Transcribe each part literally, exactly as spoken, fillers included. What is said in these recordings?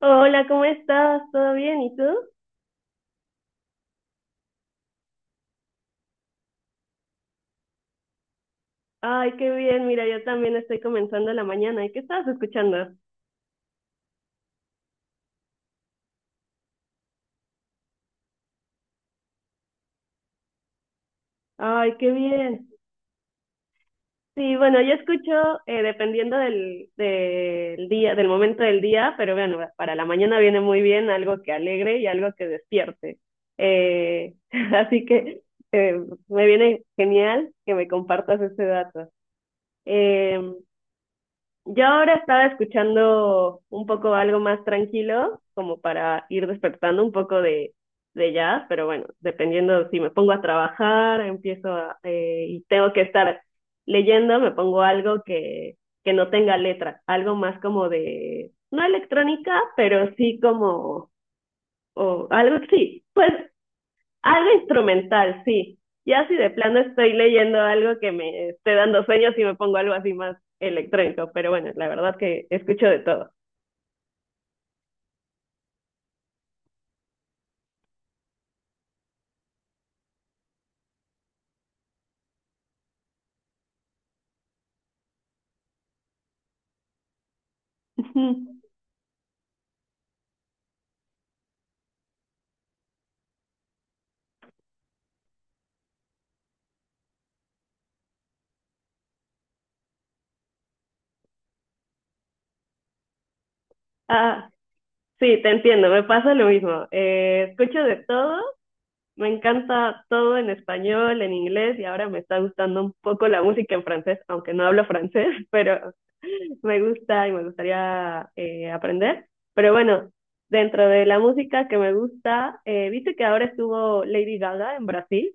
Hola, ¿cómo estás? ¿Todo bien? ¿Y tú? Ay, qué bien. Mira, yo también estoy comenzando la mañana. ¿Y qué estabas escuchando? Ay, qué bien. Sí, bueno, yo escucho eh, dependiendo del, del día, del momento del día, pero bueno, para la mañana viene muy bien algo que alegre y algo que despierte. Eh, así que eh, me viene genial que me compartas ese dato. Em, Yo ahora estaba escuchando un poco algo más tranquilo, como para ir despertando un poco de, de jazz, pero bueno, dependiendo si me pongo a trabajar, empiezo a, eh, y tengo que estar leyendo, me pongo algo que, que no tenga letra, algo más como de, no electrónica, pero sí como, o algo, sí, pues algo instrumental, sí. Ya si de plano estoy leyendo algo que me esté dando sueños y me pongo algo así más electrónico, pero bueno, la verdad que escucho de todo. Ah, sí, te entiendo, me pasa lo mismo. Eh, escucho de todo, me encanta todo en español, en inglés y ahora me está gustando un poco la música en francés, aunque no hablo francés, pero me gusta y me gustaría eh, aprender. Pero bueno, dentro de la música que me gusta, eh, viste que ahora estuvo Lady Gaga en Brasil.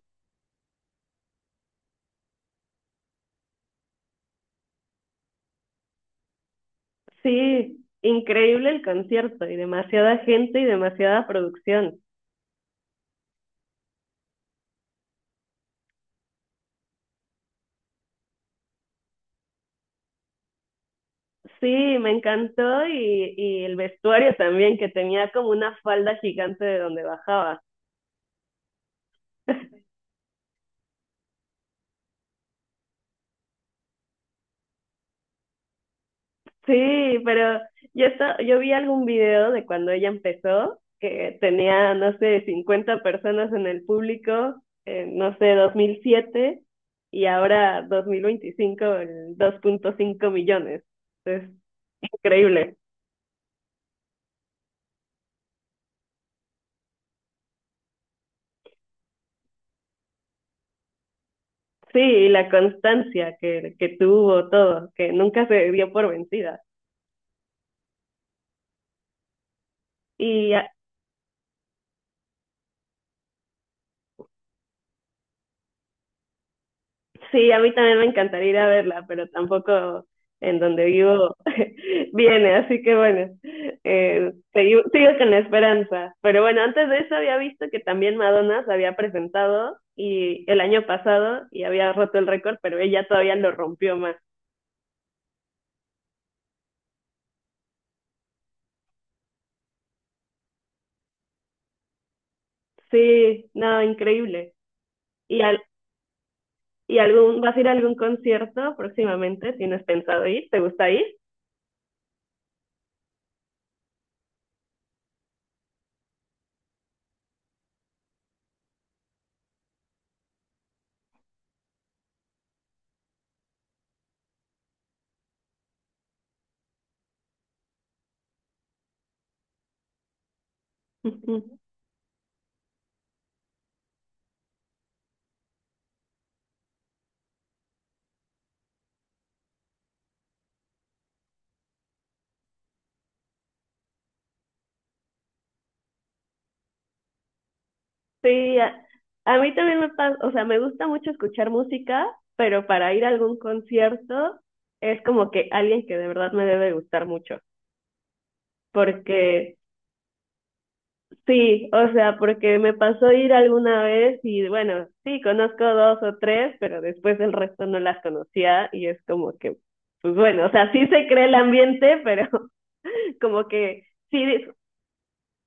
Sí, increíble el concierto y demasiada gente y demasiada producción. Sí, me encantó y, y el vestuario también, que tenía como una falda gigante de donde bajaba. Sí, pero yo, esta- yo vi algún video de cuando ella empezó, que tenía, no sé, cincuenta personas en el público, en, no sé, dos mil siete y ahora dos mil veinticinco, el dos punto cinco millones. Es increíble. Sí, y la constancia que, que tuvo todo, que nunca se dio por vencida. Y sí, a mí también me encantaría ir a verla, pero tampoco en donde vivo viene, así que bueno, eh, sigo, sigo con la esperanza. Pero bueno, antes de eso había visto que también Madonna se había presentado y el año pasado y había roto el récord, pero ella todavía lo rompió más. Sí, no, increíble. ¿Y, al, y algún, vas a ir a algún concierto próximamente? ¿Tienes pensado ir? ¿Te gusta ir? Sí, a, a mí también me pasa, o sea, me gusta mucho escuchar música, pero para ir a algún concierto es como que alguien que de verdad me debe gustar mucho. Porque sí, o sea, porque me pasó ir alguna vez y bueno, sí, conozco dos o tres, pero después el resto no las conocía y es como que, pues bueno, o sea, sí se cree el ambiente, pero como que sí,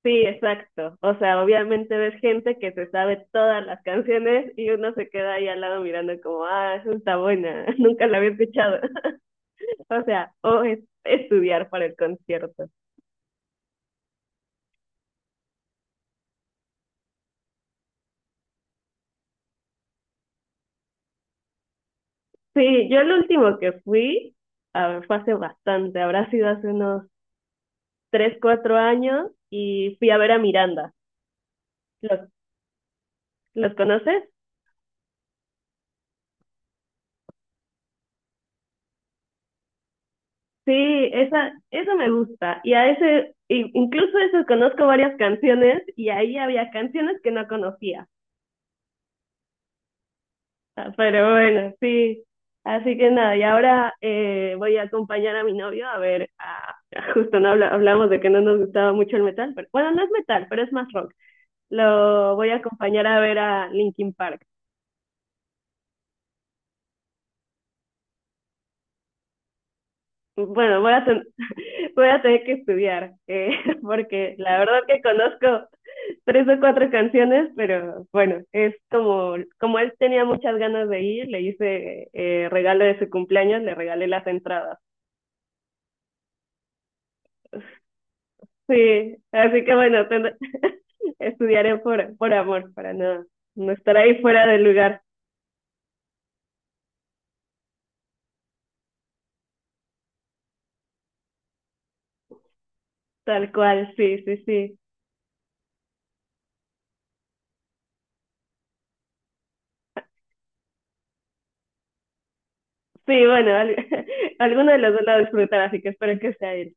sí, exacto. O sea, obviamente ves gente que se sabe todas las canciones y uno se queda ahí al lado mirando como, ah, esa está buena, nunca la había escuchado. O sea, o es estudiar para el concierto. Sí, yo el último que fui, a ver, fue hace bastante, habrá sido hace unos tres, cuatro años y fui a ver a Miranda. ¿Los, los conoces? Sí, esa, eso me gusta. Y a ese, i- incluso eso conozco varias canciones y ahí había canciones que no conocía. Ah, pero bueno, sí. Así que nada, y ahora eh, voy a acompañar a mi novio a ver, a- justo no habla- hablamos de que no nos gustaba mucho el metal, pero bueno, no es metal, pero es más rock. Lo voy a acompañar a ver a Linkin Park. Bueno, voy a, ten- voy a tener que estudiar, eh, porque la verdad que conozco tres o cuatro canciones, pero bueno, es como, como él tenía muchas ganas de ir, le hice eh, regalo de su cumpleaños, le regalé las entradas. Sí, así que bueno, tendré- estudiaré por, por amor, para no, no estar ahí fuera del lugar, tal cual, sí, sí, sí. Sí, bueno, al- alguno de los dos la disfrutará, así que espero que sea él.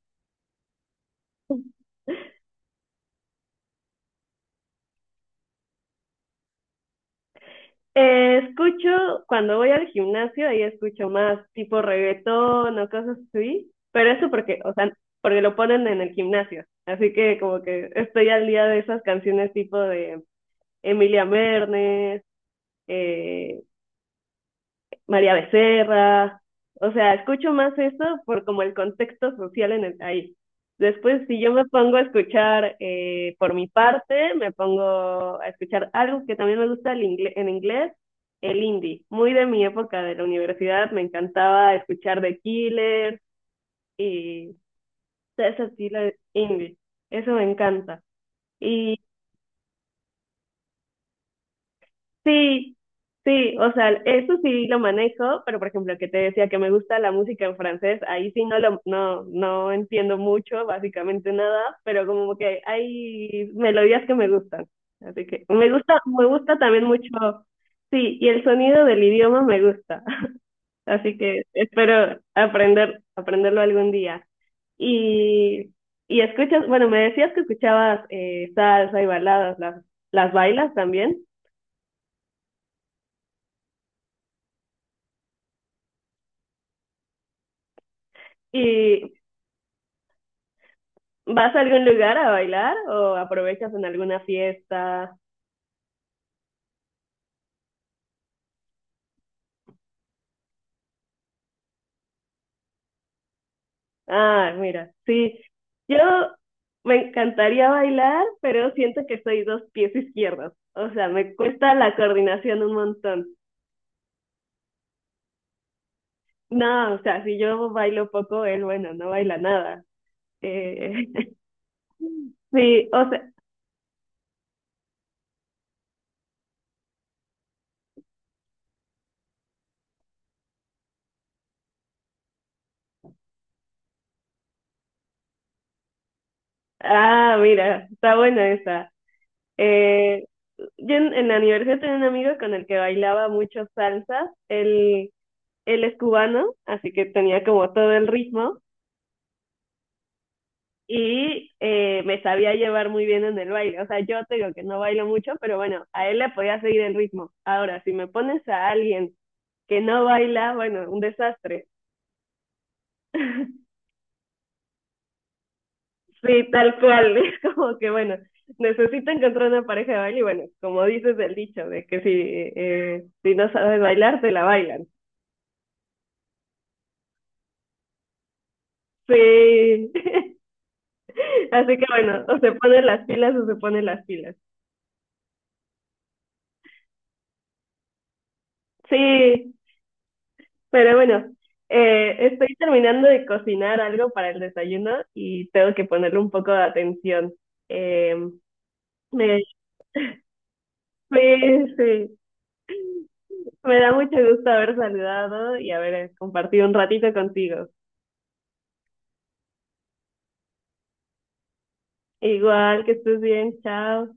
Eh, escucho, cuando voy al gimnasio, ahí escucho más tipo reggaetón o cosas así, pero eso porque, o sea, porque lo ponen en el gimnasio, así que como que estoy al día de esas canciones tipo de Emilia Mernes, eh, María Becerra, o sea, escucho más eso por como el contexto social en el, ahí. Después, si yo me pongo a escuchar eh, por mi parte, me pongo a escuchar algo que también me gusta el ingle- en inglés, el indie. Muy de mi época de la universidad, me encantaba escuchar The Killers y todo ese estilo de indie. Eso me encanta. Y sí, sí, o sea, eso sí lo manejo, pero por ejemplo, que te decía que me gusta la música en francés, ahí sí no lo, no, no entiendo mucho, básicamente nada, pero como que hay melodías que me gustan. Así que me gusta, me gusta también mucho, sí, y el sonido del idioma me gusta. Así que espero aprender, aprenderlo algún día. Y, y escuchas, bueno, me decías que escuchabas eh, salsa y baladas, las, las bailas también. Y ¿vas a algún lugar a bailar o aprovechas en alguna fiesta? Ah, mira, sí. Yo me encantaría bailar, pero siento que soy dos pies izquierdos. O sea, me cuesta la coordinación un montón. No, o sea, si yo bailo poco, él, bueno, no baila nada. Eh, sí, o sea, ah, mira, está buena esa. Eh, yo en, en la universidad tenía un amigo con el que bailaba mucho salsa. Él, él es cubano, así que tenía como todo el ritmo. Y eh, me sabía llevar muy bien en el baile. O sea, yo te digo que no bailo mucho, pero bueno, a él le podía seguir el ritmo. Ahora, si me pones a alguien que no baila, bueno, un desastre. Sí, tal cual. Es como que, bueno, necesito encontrar una pareja de baile y bueno, como dices el dicho, de que si, eh, si no sabes bailar, te la bailan. Sí, así que bueno, o se ponen las pilas o se ponen las pilas. Sí, pero bueno, eh, estoy terminando de cocinar algo para el desayuno y tengo que ponerle un poco de atención. Eh, me, sí, sí, me da mucho gusto haber saludado y haber compartido un ratito contigo. Igual que estés bien, chao.